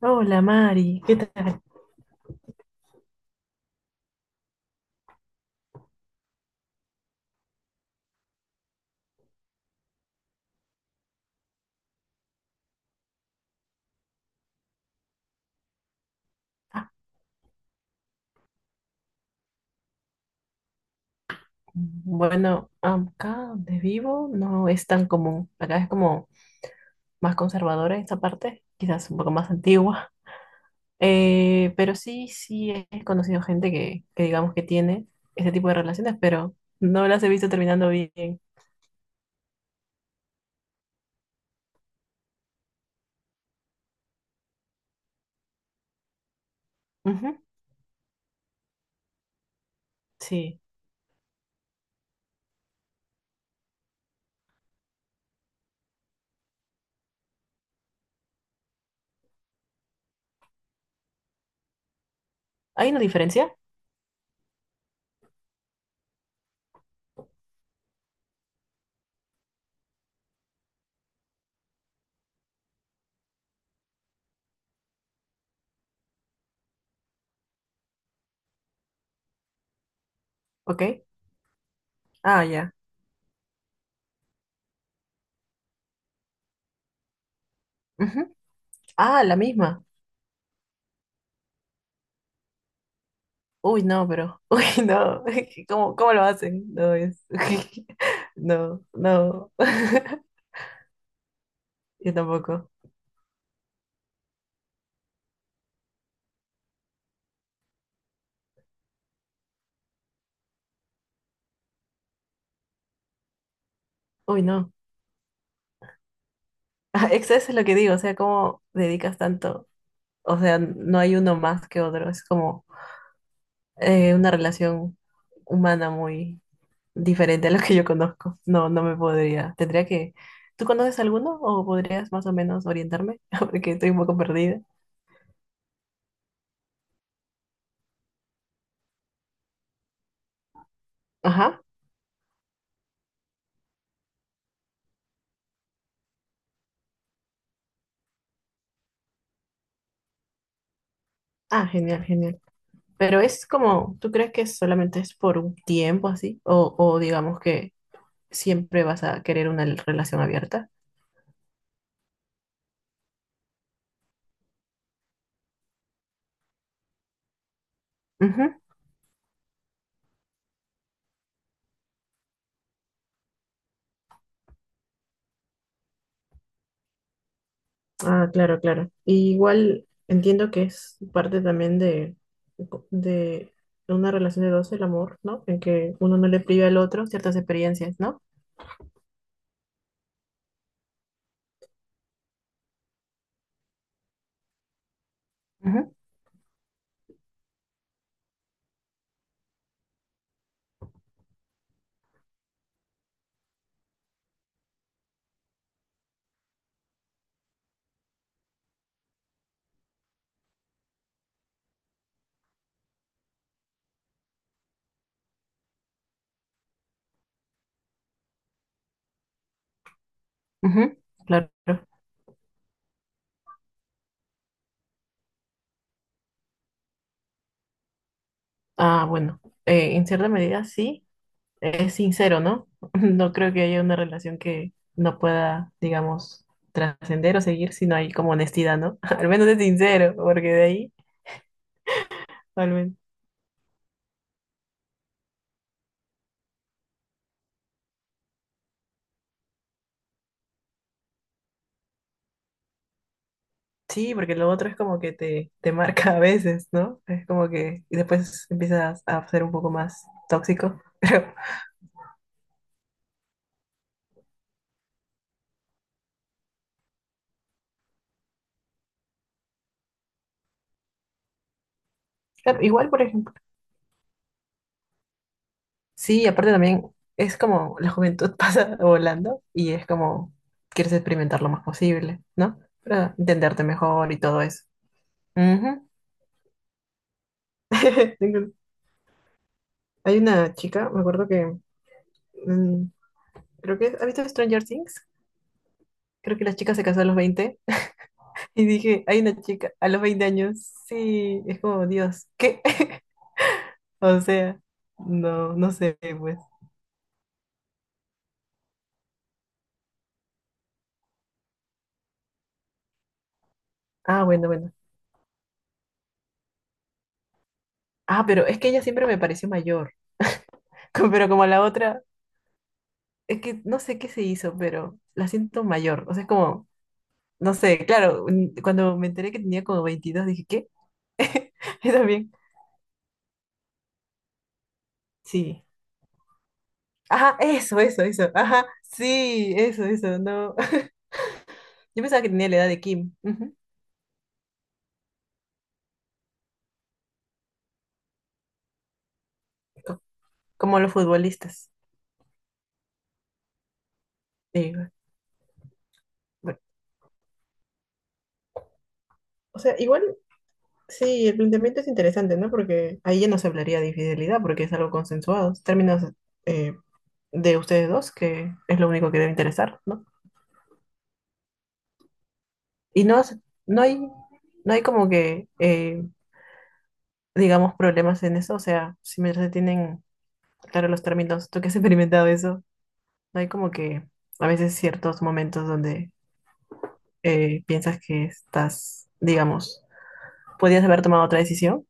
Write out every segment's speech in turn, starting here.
Hola Mari, ¿qué tal? Bueno, acá donde vivo no es tan común. Acá es como más conservadora en esta parte, quizás un poco más antigua. Pero sí, sí he conocido gente que digamos que tiene este tipo de relaciones, pero no las he visto terminando bien. Ujú. Sí. ¿Hay una diferencia? ¿Ok? Ah, ya. Ujú. Ah, la misma. Uy, no, pero. Uy, no. ¿Cómo lo hacen? No es. No, no. Yo tampoco. Uy, no. Ah, eso es lo que digo, o sea, ¿cómo dedicas tanto? O sea, no hay uno más que otro, es como una relación humana muy diferente a lo que yo conozco. No, no me podría. Tendría que... ¿Tú conoces alguno o podrías más o menos orientarme? Porque estoy un poco perdida. Ajá. Ah, genial, genial. Pero es como, ¿tú crees que solamente es por un tiempo así? O digamos que siempre vas a querer una relación abierta? Ujú. Ah, claro, claro. Y igual entiendo que es parte también de una relación de dos, el amor, ¿no? En que uno no le priva al otro ciertas experiencias, ¿no? Ujú, ujú. Claro. Ah, bueno, en cierta medida sí, es sincero, ¿no? No creo que haya una relación que no pueda, digamos, trascender o seguir si no hay como honestidad, ¿no? Al menos es sincero, porque de ahí. Sí, porque lo otro es como que te marca a veces, ¿no? Es como que y después empiezas a ser un poco más tóxico. Pero claro, igual, por ejemplo, sí, aparte también es como la juventud pasa volando y es como quieres experimentar lo más posible, ¿no? Para entenderte mejor y todo eso. Ujú. Tengo- Hay una chica, me acuerdo que, mm, creo que, ¿has visto Stranger Things? Creo que la chica se casó a los 20. Y dije, hay una chica a los 20 años, sí, es como Dios, ¿qué? O sea, no, no sé, pues. Ah, bueno, bueno. Ah, pero es que ella siempre me pareció mayor. Co- Pero como la otra, es que no sé qué se hizo, pero la siento mayor. O sea, es como, no sé, claro, cuando me enteré que tenía como 22 dije, ¿qué? Yo también. Sí. Ajá, eso, eso, eso. Ajá, sí, eso, no. Yo pensaba que tenía la edad de Kim. Ujú. Co- Como los futbolistas. Sí, bueno. O sea, igual sí, el planteamiento es interesante, ¿no? Porque ahí ya no se hablaría de infidelidad, porque es algo consensuado. Es términos eh, de ustedes dos, que es lo único que debe interesar, ¿no? Y no, es- no hay, no hay como que, digamos, problemas en eso. O sea, si me se tienen claro los términos, tú que has experimentado eso, no hay como que a veces ciertos momentos donde piensas que estás, digamos, podías haber tomado otra decisión.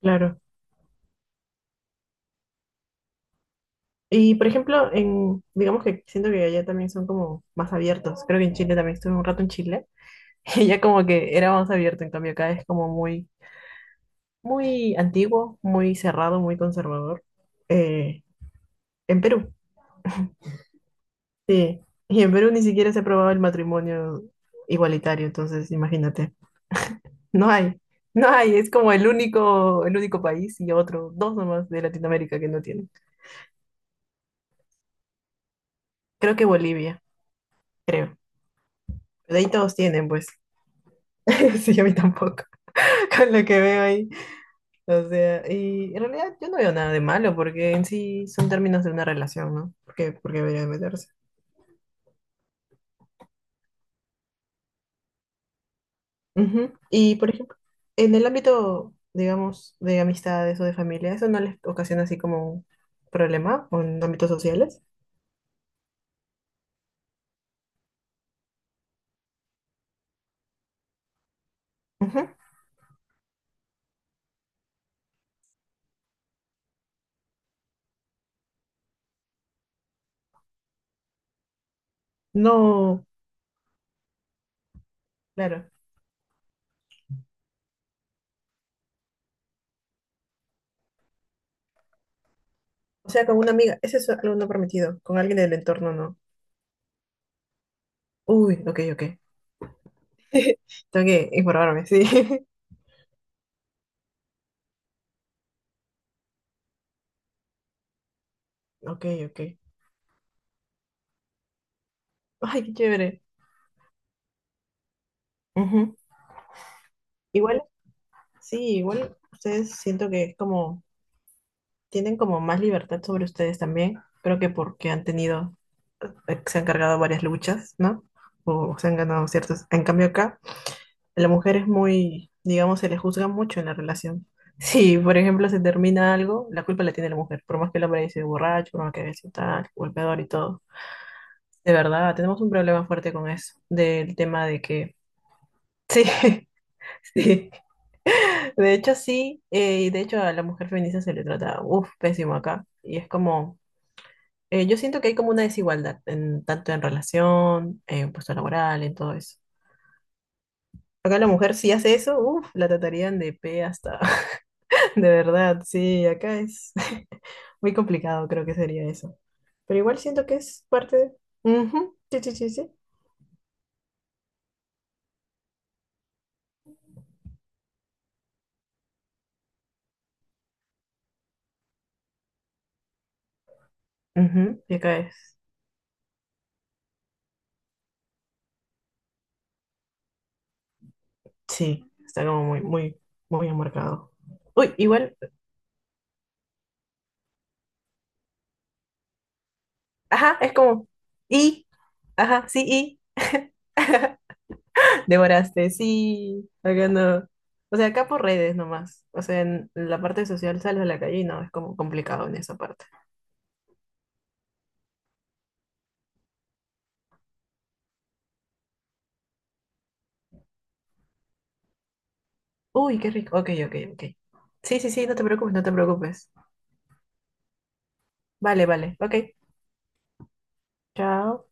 Claro. Y por ejemplo, en, digamos que siento que allá también son como más abiertos. Creo que en Chile también estuve un rato en Chile. Y ya como que era más abierto, en cambio acá es como muy, muy antiguo, muy cerrado, muy conservador. Eh, en Perú, sí. Y en Perú ni siquiera se aprobaba el matrimonio igualitario, entonces imagínate. No hay, no hay, es como el único país y otro, dos nomás de Latinoamérica que no tienen. Creo que Bolivia, creo. De ahí todos tienen, pues. Sí, a mí tampoco. Con lo que veo ahí. O sea, y en realidad yo no veo nada de malo porque en sí son términos de una relación, ¿no? ¿Porque porque debería de meterse? Ujú. Y, por ejemplo, en el ámbito, digamos, de amistades o de familia, ¿eso no les ocasiona así como un problema o en ámbitos sociales? Ujú. No, claro. O sea, con una amiga, eso es algo no permitido. Con alguien del entorno, no. Uy, ok, ok. Tengo que informarme, sí. Ok, ok. Ay, qué chévere. Ujú. Igual sí, igual ustedes siento que es como, tienen como más libertad sobre ustedes también. Creo que porque han tenido, se han cargado varias luchas, ¿no? O se han ganado ciertas. En cambio acá, la mujer es muy, digamos, se le juzga mucho en la relación. Si, por ejemplo, se termina algo, la culpa la tiene la mujer. Por más que el hombre haya sido borracho, por más que haya sido tal, golpeador y todo. De verdad, tenemos un problema fuerte con eso, del tema de que, sí, sí. De hecho, sí, y de hecho a la mujer feminista se le trata, uff, pésimo acá. Y es como, yo siento que hay como una desigualdad, en, tanto en relación, en puesto laboral, en todo eso. Acá la mujer si hace eso, uff, la tratarían de pe hasta, de verdad, sí, acá es muy complicado, creo que sería eso. Pero igual siento que es parte de... Ujú, sí, sí, sí, sí. Ujú, y acá es, sí, está como muy, muy, muy enmarcado. Uy, igual ajá, es como, y, ajá, sí, y, devoraste, sí, acá no. O sea, acá por redes nomás. O sea, en la parte social sales a la calle y no, es como complicado en esa parte. Uy, qué rico. Ok, ok, ok. Sí, sí, sí, no te preocupes, no te preocupes. Vale, vale, ok. Chao.